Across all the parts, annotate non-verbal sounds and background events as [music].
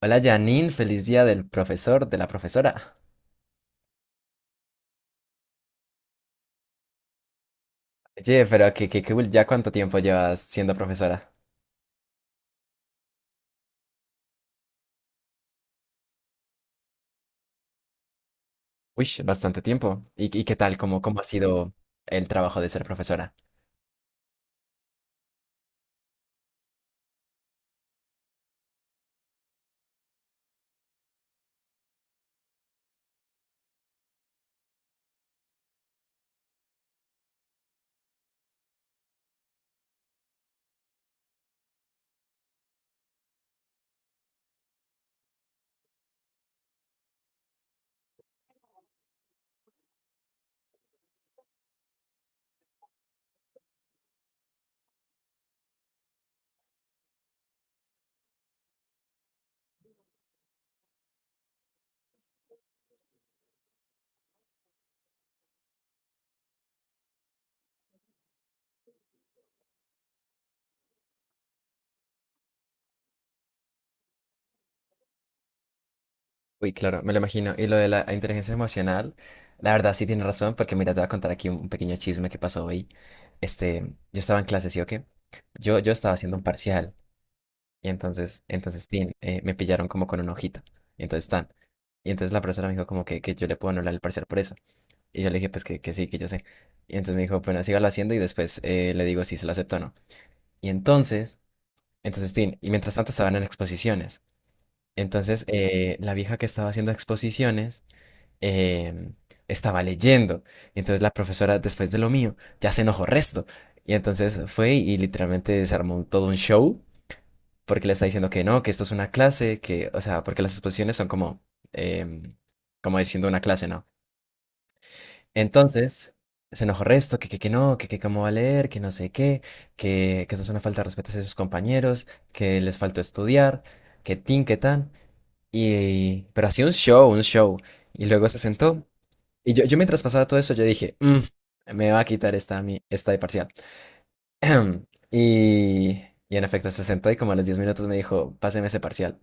Hola Janine, feliz día del profesor, de la profesora. Oye, pero que cool, ¿ya cuánto tiempo llevas siendo profesora? Uy, bastante tiempo. ¿Y qué tal? ¿Cómo ha sido el trabajo de ser profesora? Uy, claro, me lo imagino. Y lo de la inteligencia emocional, la verdad sí tiene razón, porque mira, te voy a contar aquí un pequeño chisme que pasó hoy. Este, yo estaba en clase, ¿sí o qué? Yo estaba haciendo un parcial, y me pillaron como con una hojita. Y entonces, tan. Y entonces la profesora me dijo como que yo le puedo anular el parcial por eso. Y yo le dije, pues que sí, que yo sé. Y entonces me dijo, bueno, sígalo haciendo y después le digo si se lo acepto o no. Y entonces, y mientras tanto estaban en exposiciones. Entonces, la vieja que estaba haciendo exposiciones em, estaba leyendo. Y entonces la profesora, después de lo mío, ya se enojó resto. Y entonces fue y literalmente se armó todo un show porque le está diciendo que no, que esto es una clase, que, o sea, porque las exposiciones son como, em, como diciendo una clase, ¿no? Entonces, se enojó resto, que no, que cómo va a leer, que no sé qué, que eso es una falta de respeto hacia sus compañeros, que les faltó estudiar, que tin, que tan. Y, pero así un show, un show. Y luego se sentó. Y yo mientras pasaba todo eso, yo dije, "Mm, me va a quitar esta, a mí, esta de parcial." [clears throat] Y, y en efecto se sentó y como a los 10 minutos me dijo, páseme ese parcial.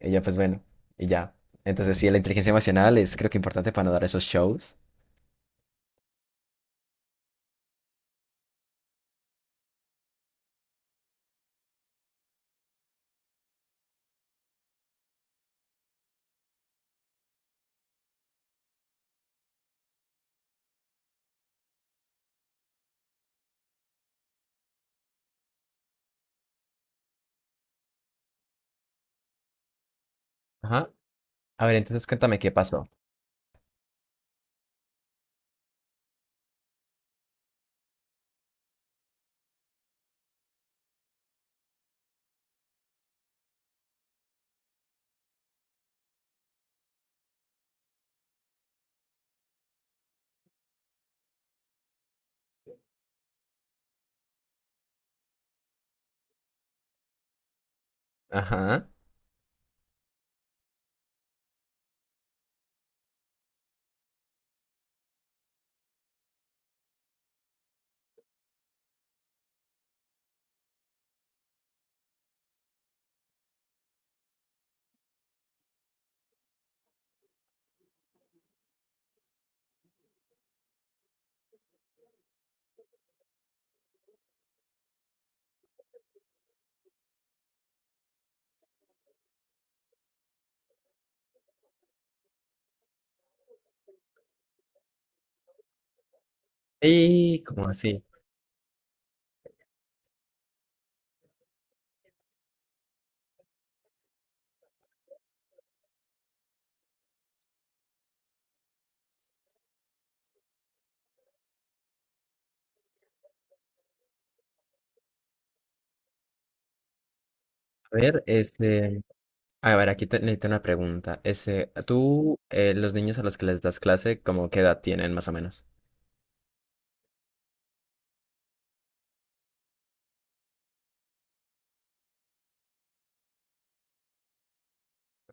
Y yo, pues bueno, y ya. Entonces sí, la inteligencia emocional es creo que importante para no dar esos shows. Ajá. A ver, entonces cuéntame qué pasó. Ajá. Y ¿cómo así? A ver, a ver, aquí te necesito una pregunta. Este, tú, los niños a los que les das clase, ¿cómo qué edad tienen más o menos?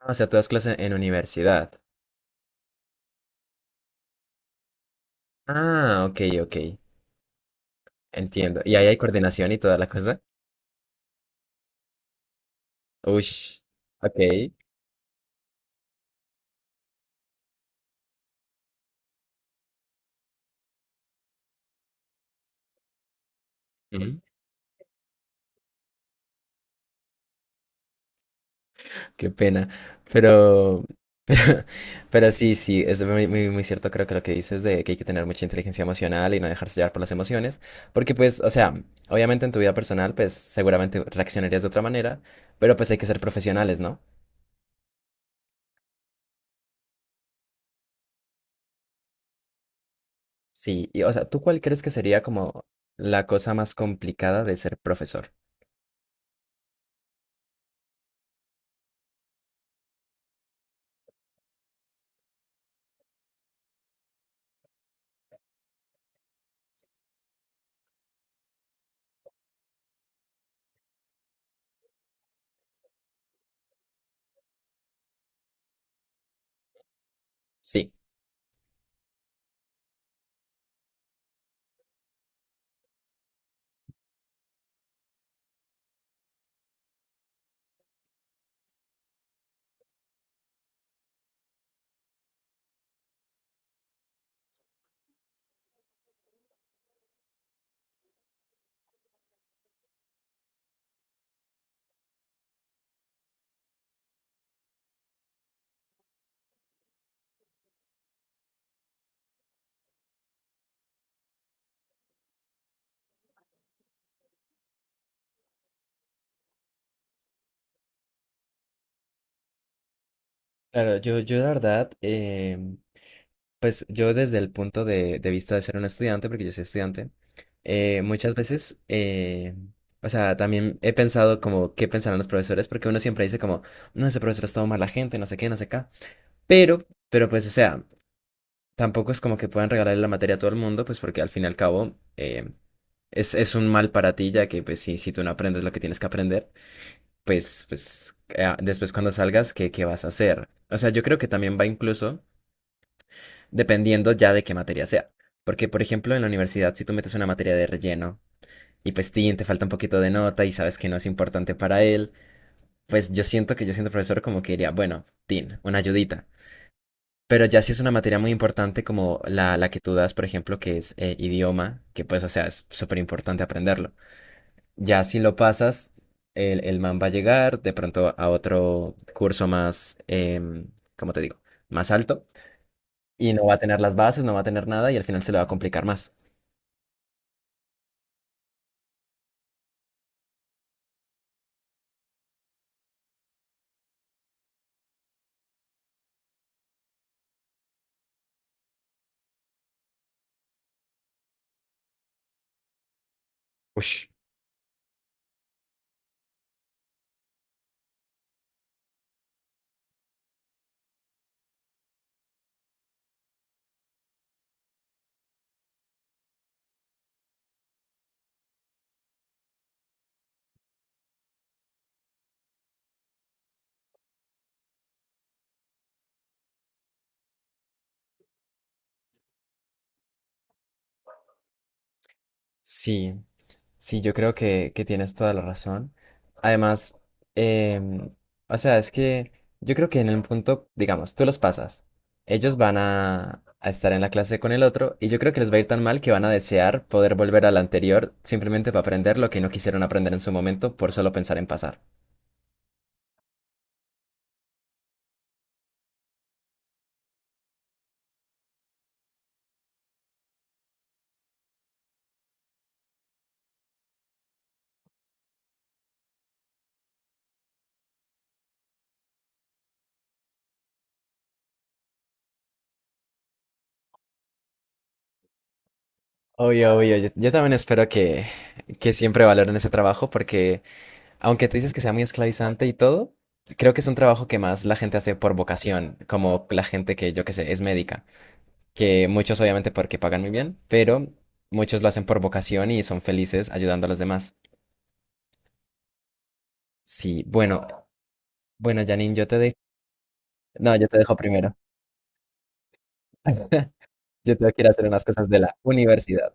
Ah, o sea, tú das clase en universidad. Ah, ok, ok. Entiendo. ¿Y ahí hay coordinación y toda la cosa? Ush. Ok. Qué pena. Pero, pero, [laughs] pero sí, sí, es muy cierto, creo que lo que dices de que hay que tener mucha inteligencia emocional y no dejarse llevar por las emociones, porque pues, o sea, obviamente en tu vida personal, pues seguramente reaccionarías de otra manera, pero pues hay que ser profesionales, ¿no? Sí, y o sea, ¿tú cuál crees que sería como la cosa más complicada de ser profesor? Sí. Claro, yo la verdad, pues yo desde el punto de vista de ser un estudiante, porque yo soy estudiante, eh, muchas veces, eh, o sea, también he pensado como qué pensarán los profesores, porque uno siempre dice como, no, ese profesor es todo mala gente, no sé qué, no sé qué. Pero, pero pues, o sea, tampoco es como que puedan regalarle la materia a todo el mundo, pues porque al fin y al cabo es un mal para ti, ya que pues si tú no aprendes lo que tienes que aprender, después cuando salgas, qué vas a hacer? O sea, yo creo que también va incluso dependiendo ya de qué materia sea. Porque, por ejemplo, en la universidad, si tú metes una materia de relleno y pues tin, te falta un poquito de nota y sabes que no es importante para él, pues yo siento que yo siendo profesor como que diría, bueno, tin, una ayudita. Pero ya si es una materia muy importante como la que tú das, por ejemplo, que es idioma, que pues, o sea, es súper importante aprenderlo. Ya si lo pasas, el man va a llegar de pronto a otro curso más, ¿cómo te digo? Más alto y no va a tener las bases, no va a tener nada y al final se le va a complicar más. Ush, sí, sí, yo creo que tienes toda la razón. Además, em, o sea, es que yo creo que en el punto, digamos, tú los pasas, ellos van a estar en la clase con el otro y yo creo que les va a ir tan mal que van a desear poder volver al anterior simplemente para aprender lo que no quisieron aprender en su momento por solo pensar en pasar. Obvio, obvio, yo también espero que siempre valoren ese trabajo porque aunque tú dices que sea muy esclavizante y todo, creo que es un trabajo que más la gente hace por vocación, como la gente que yo que sé, es médica, que muchos obviamente porque pagan muy bien, pero muchos lo hacen por vocación y son felices ayudando a los demás. Sí, bueno, bueno, Janine, yo te dejo. No, yo te dejo primero. [laughs] Yo tengo que ir a hacer unas cosas de la universidad.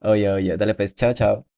Oye, oye, dale pues, chao, chao.